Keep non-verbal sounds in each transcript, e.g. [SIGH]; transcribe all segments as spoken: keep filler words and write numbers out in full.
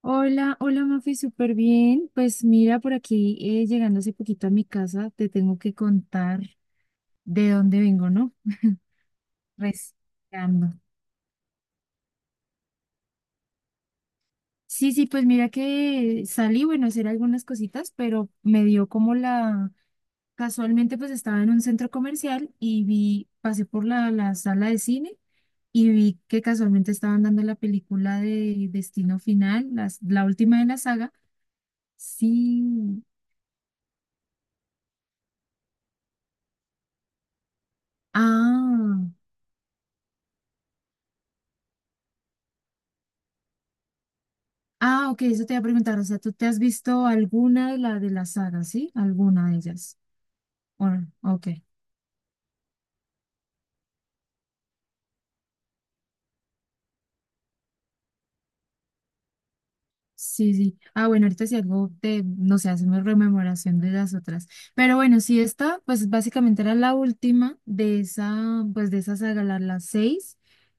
Hola, hola Mafi, súper bien. Pues mira, por aquí eh, llegando hace poquito a mi casa, te tengo que contar de dónde vengo, ¿no? Respirando. Sí, sí, pues mira que salí, bueno, a hacer algunas cositas, pero me dio como la... Casualmente pues estaba en un centro comercial y vi, pasé por la, la sala de cine y vi que casualmente estaban dando la película de Destino Final, las- la última de la saga. Sí. Ah. Ah, ok, eso te iba a preguntar. O sea, ¿tú te has visto alguna de la de la saga, sí? ¿Alguna de ellas? O- ok. Sí, sí. Ah, bueno, ahorita si algo te, no sé, hacemos rememoración de las otras. Pero bueno, sí, esta, pues básicamente era la última de esa, pues de esa saga, la, la seis,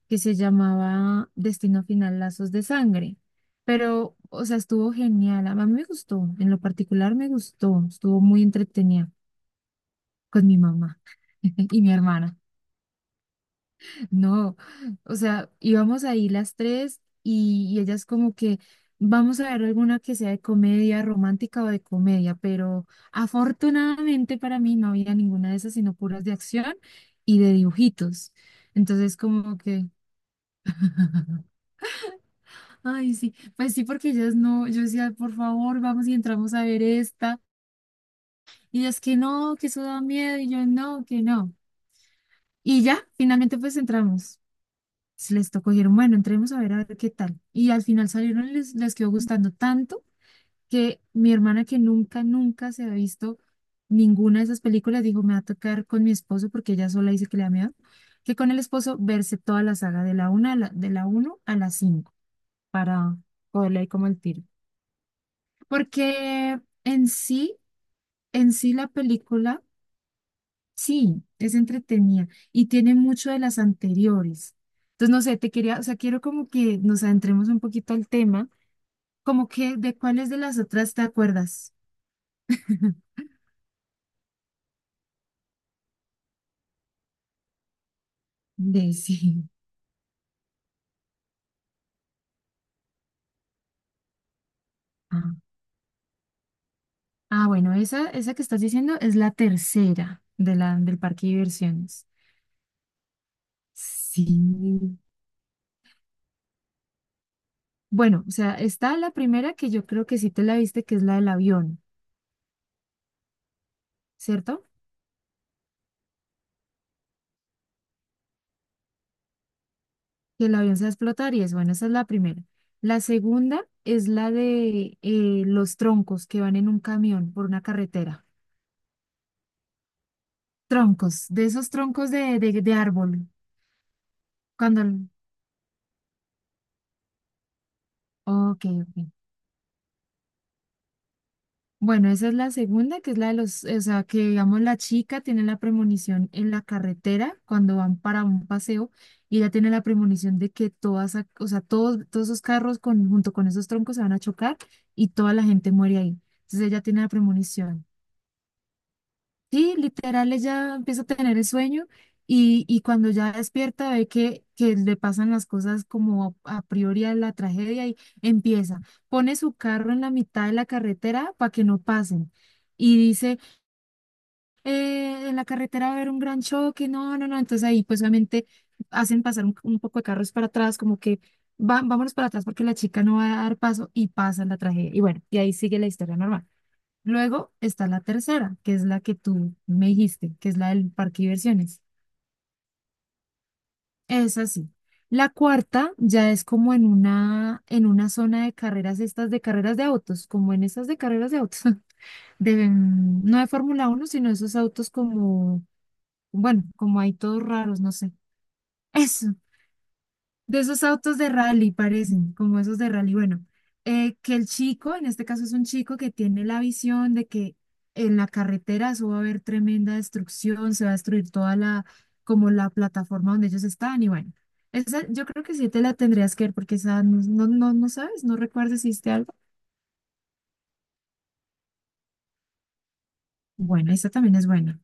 que se llamaba Destino Final, Lazos de Sangre. Pero, o sea, estuvo genial. A mí me gustó, en lo particular me gustó. Estuvo muy entretenida con mi mamá [LAUGHS] y mi hermana. No, o sea, íbamos ahí las tres y, y ellas como que vamos a ver alguna que sea de comedia romántica o de comedia, pero afortunadamente para mí no había ninguna de esas, sino puras de acción y de dibujitos. Entonces como que, [LAUGHS] ay, sí, pues sí, porque ellas no, yo decía, por favor, vamos y entramos a ver esta. Y ellas que no, que eso da miedo, y yo no, que no. Y ya, finalmente pues entramos. Pues, les tocó, dijeron, bueno, entremos a ver a ver qué tal. Y al final salieron, les, les quedó gustando tanto que mi hermana, que nunca, nunca se ha visto ninguna de esas películas, dijo, me va a tocar con mi esposo, porque ella sola dice que le da miedo, que con el esposo verse toda la saga de la una a la, de la uno a la cinco para poderle ahí como el tiro. Porque en sí, en sí la película. Sí, es entretenida y tiene mucho de las anteriores. Entonces, no sé, te quería, o sea, quiero como que nos adentremos un poquito al tema, como que de cuáles de las otras te acuerdas. [LAUGHS] De sí. Ah. Ah, bueno, esa, esa que estás diciendo es la tercera de la, del parque de diversiones. Sí. Bueno, o sea, está la primera que yo creo que sí te la viste, que es la del avión, ¿cierto? Que el avión se va a explotar y eso, bueno, esa es la primera. La segunda es la de eh, los troncos que van en un camión por una carretera. Troncos, de esos troncos de, de, de árbol. Cuando... el- ok, ok. Bueno, esa es la segunda, que es la de los, o sea, que digamos la chica tiene la premonición en la carretera cuando van para un paseo y ella tiene la premonición de que todas, ac- o sea, todos, todos esos carros con, junto con esos troncos se van a chocar y toda la gente muere ahí. Entonces ella tiene la premonición. Sí, literal, ella empieza a tener el sueño y, y cuando ya despierta ve que, que le pasan las cosas como a priori a la tragedia y empieza, pone su carro en la mitad de la carretera para que no pasen y dice, "Eh, en la carretera va a haber un gran choque, no, no, no", entonces ahí pues obviamente hacen pasar un, un poco de carros para atrás, como que va- vámonos para atrás porque la chica no va a dar paso y pasa la tragedia y bueno, y ahí sigue la historia normal. Luego está la tercera, que es la que tú me dijiste, que es la del parque de diversiones. Es así. La cuarta ya es como en una, en una zona de carreras, estas de carreras de autos, como en estas de carreras de autos, [LAUGHS] de, mm, no de Fórmula uno sino esos autos como, bueno, como hay todos raros, no sé. Eso. De esos autos de rally parecen, como esos de rally. Bueno, eh, que el chico, en este caso es un chico que tiene la visión de que en la carretera eso va a haber tremenda destrucción, se va a destruir toda la, como la plataforma donde ellos están. Y bueno, esa, yo creo que sí te la tendrías que ver porque esa no, no, no, no sabes, no recuerdas si hiciste algo. Bueno, esa también es buena.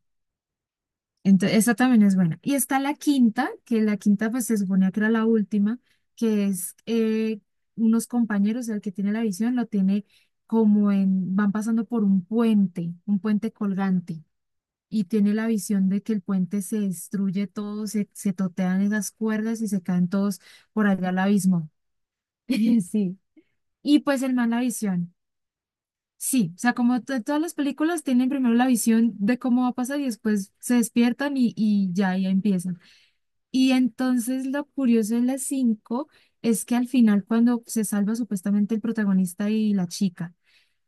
Entonces, esa también es buena. Y está la quinta, que la quinta pues se suponía que era la última, que es eh, unos compañeros, el que tiene la visión lo tiene como en, van pasando por un puente, un puente colgante, y tiene la visión de que el puente se destruye todo, se, se totean esas cuerdas y se caen todos por allá al abismo. [LAUGHS] Sí. Y pues el man la visión. Sí, o sea, como to- todas las películas tienen primero la visión de cómo va a pasar y después se despiertan y, y ya, ya empieza. Y entonces lo curioso en las cinco es que al final cuando se salva supuestamente el protagonista y la chica,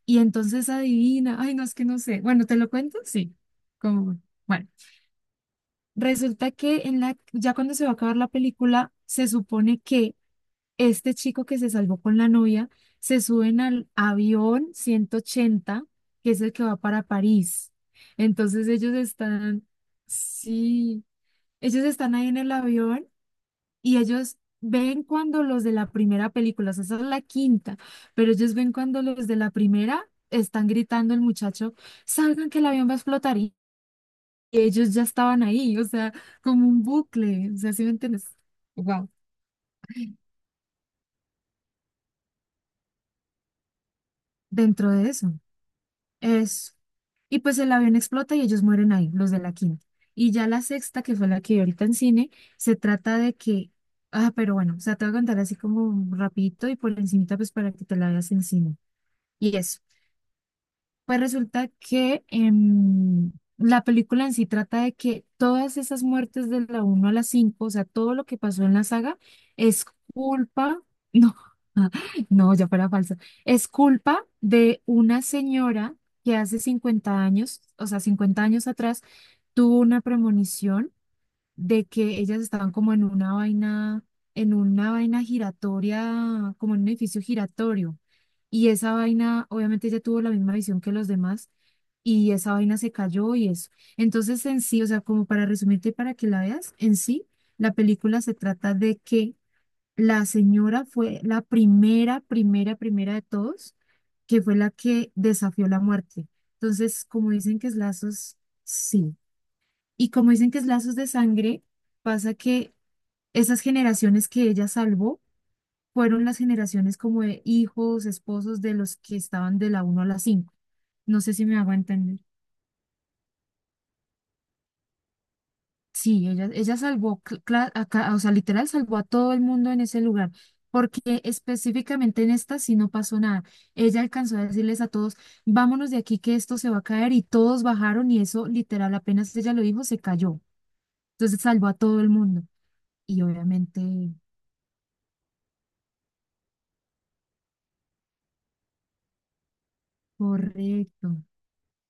y entonces adivina, ay no, es que no sé, bueno, ¿te lo cuento? Sí, como, bueno, resulta que en la, ya cuando se va a acabar la película, se supone que este chico que se salvó con la novia, se suben al avión ciento ochenta que es el que va para París. Entonces ellos están, sí, ellos están ahí en el avión y ellos ven cuando los de la primera película, o sea, esa es la quinta, pero ellos ven cuando los de la primera están gritando el muchacho, salgan que el avión va a explotar y ellos ya estaban ahí, o sea, como un bucle, o sea, ¿sí me entiendes? Wow, dentro de eso. Eso. Y pues el avión explota y ellos mueren ahí, los de la quinta. Y ya la sexta, que fue la que vi ahorita en cine, se trata de que, ah, pero bueno, o sea, te voy a contar así como rapidito y por encimita pues para que te la veas en cine. Y eso. Pues resulta que em, la película en sí trata de que todas esas muertes de la uno a la cinco, o sea, todo lo que pasó en la saga, es culpa, [LAUGHS] no, no, ya fuera falsa, es culpa de una señora que hace cincuenta años, o sea, cincuenta años atrás, tuvo una premonición de que ellas estaban como en una vaina, en una vaina giratoria, como en un edificio giratorio. Y esa vaina, obviamente ella tuvo la misma visión que los demás y esa vaina se cayó y eso. Entonces en sí, o sea, como para resumirte y para que la veas, en sí, la película se trata de que la señora fue la primera, primera, primera de todos, que fue la que desafió la muerte. Entonces, como dicen que es lazos, sí. Y como dicen que es lazos de sangre, pasa que esas generaciones que ella salvó fueron las generaciones como de hijos, esposos de los que estaban de la uno a la cinco. No sé si me hago entender. Sí, ella, ella salvó, cl- cla- a ca- o sea, literal salvó a todo el mundo en ese lugar, porque específicamente en esta sí no pasó nada. Ella alcanzó a decirles a todos, vámonos de aquí que esto se va a caer y todos bajaron y eso literal apenas ella lo dijo, se cayó. Entonces salvó a todo el mundo y obviamente correcto.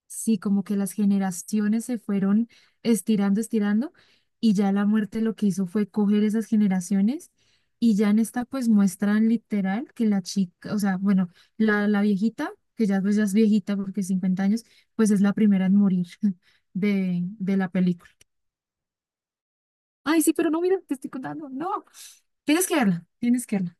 Sí, como que las generaciones se fueron estirando, estirando, y ya la muerte lo que hizo fue coger esas generaciones, y ya en esta pues muestran literal que la chica, o sea, bueno, la, la viejita, que ya pues ya es viejita porque cincuenta años, pues es la primera en morir [LAUGHS] de, de la película. Ay, sí, pero no, mira, te estoy contando. No, tienes que verla, tienes que verla.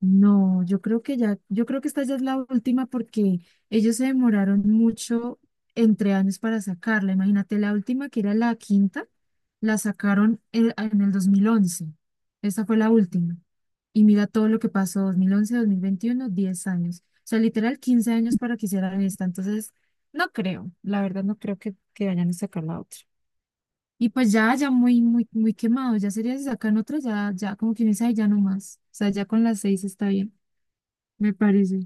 No, yo creo que ya, yo creo que esta ya es la última porque ellos se demoraron mucho entre años para sacarla. Imagínate, la última que era la quinta, la sacaron en, en el dos mil once. Esta fue la última. Y mira todo lo que pasó, dos dos mil once, dos mil veintiuno, diez años. O sea, literal quince años para que hicieran esta. Entonces, no creo, la verdad no creo que, que vayan a sacar la otra. Y pues ya, ya muy, muy, muy quemado. Ya sería si sacan otra, ya, ya como quien dice, "Ay, ya no más. O sea, ya con las seis está bien me parece".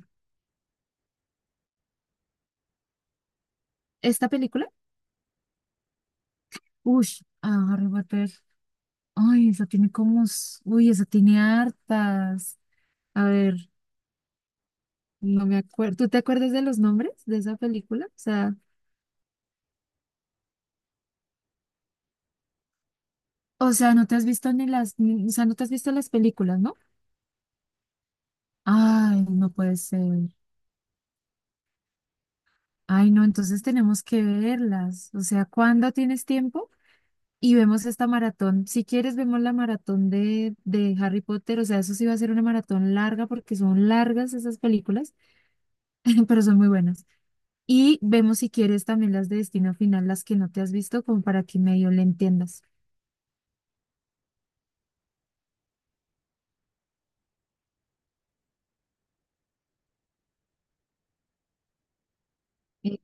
Esta película, uy, a Harry Potter. Ay, esa tiene como... s- uy, esa tiene hartas. A ver, no me acuerdo. ¿Tú te acuerdas de los nombres de esa película? O sea, o sea, no te has visto ni las... ni- o sea, no te has visto las películas, ¿no? Ay, no puede ser. Ay, no, entonces tenemos que verlas. O sea, ¿cuándo tienes tiempo? Y vemos esta maratón. Si quieres, vemos la maratón de, de Harry Potter. O sea, eso sí va a ser una maratón larga porque son largas esas películas. [LAUGHS] Pero son muy buenas. Y vemos si quieres también las de Destino Final, las que no te has visto, como para que medio le entiendas. Eh,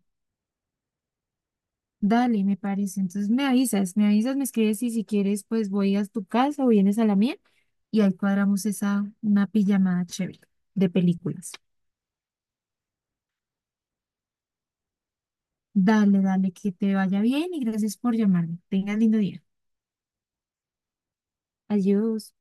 dale, me parece. Entonces me avisas, me avisas, me escribes y si quieres, pues voy a tu casa o vienes a la mía y ahí cuadramos esa, una pijamada chévere de películas. Dale, dale, que te vaya bien y gracias por llamarme. Tengas lindo día. Adiós.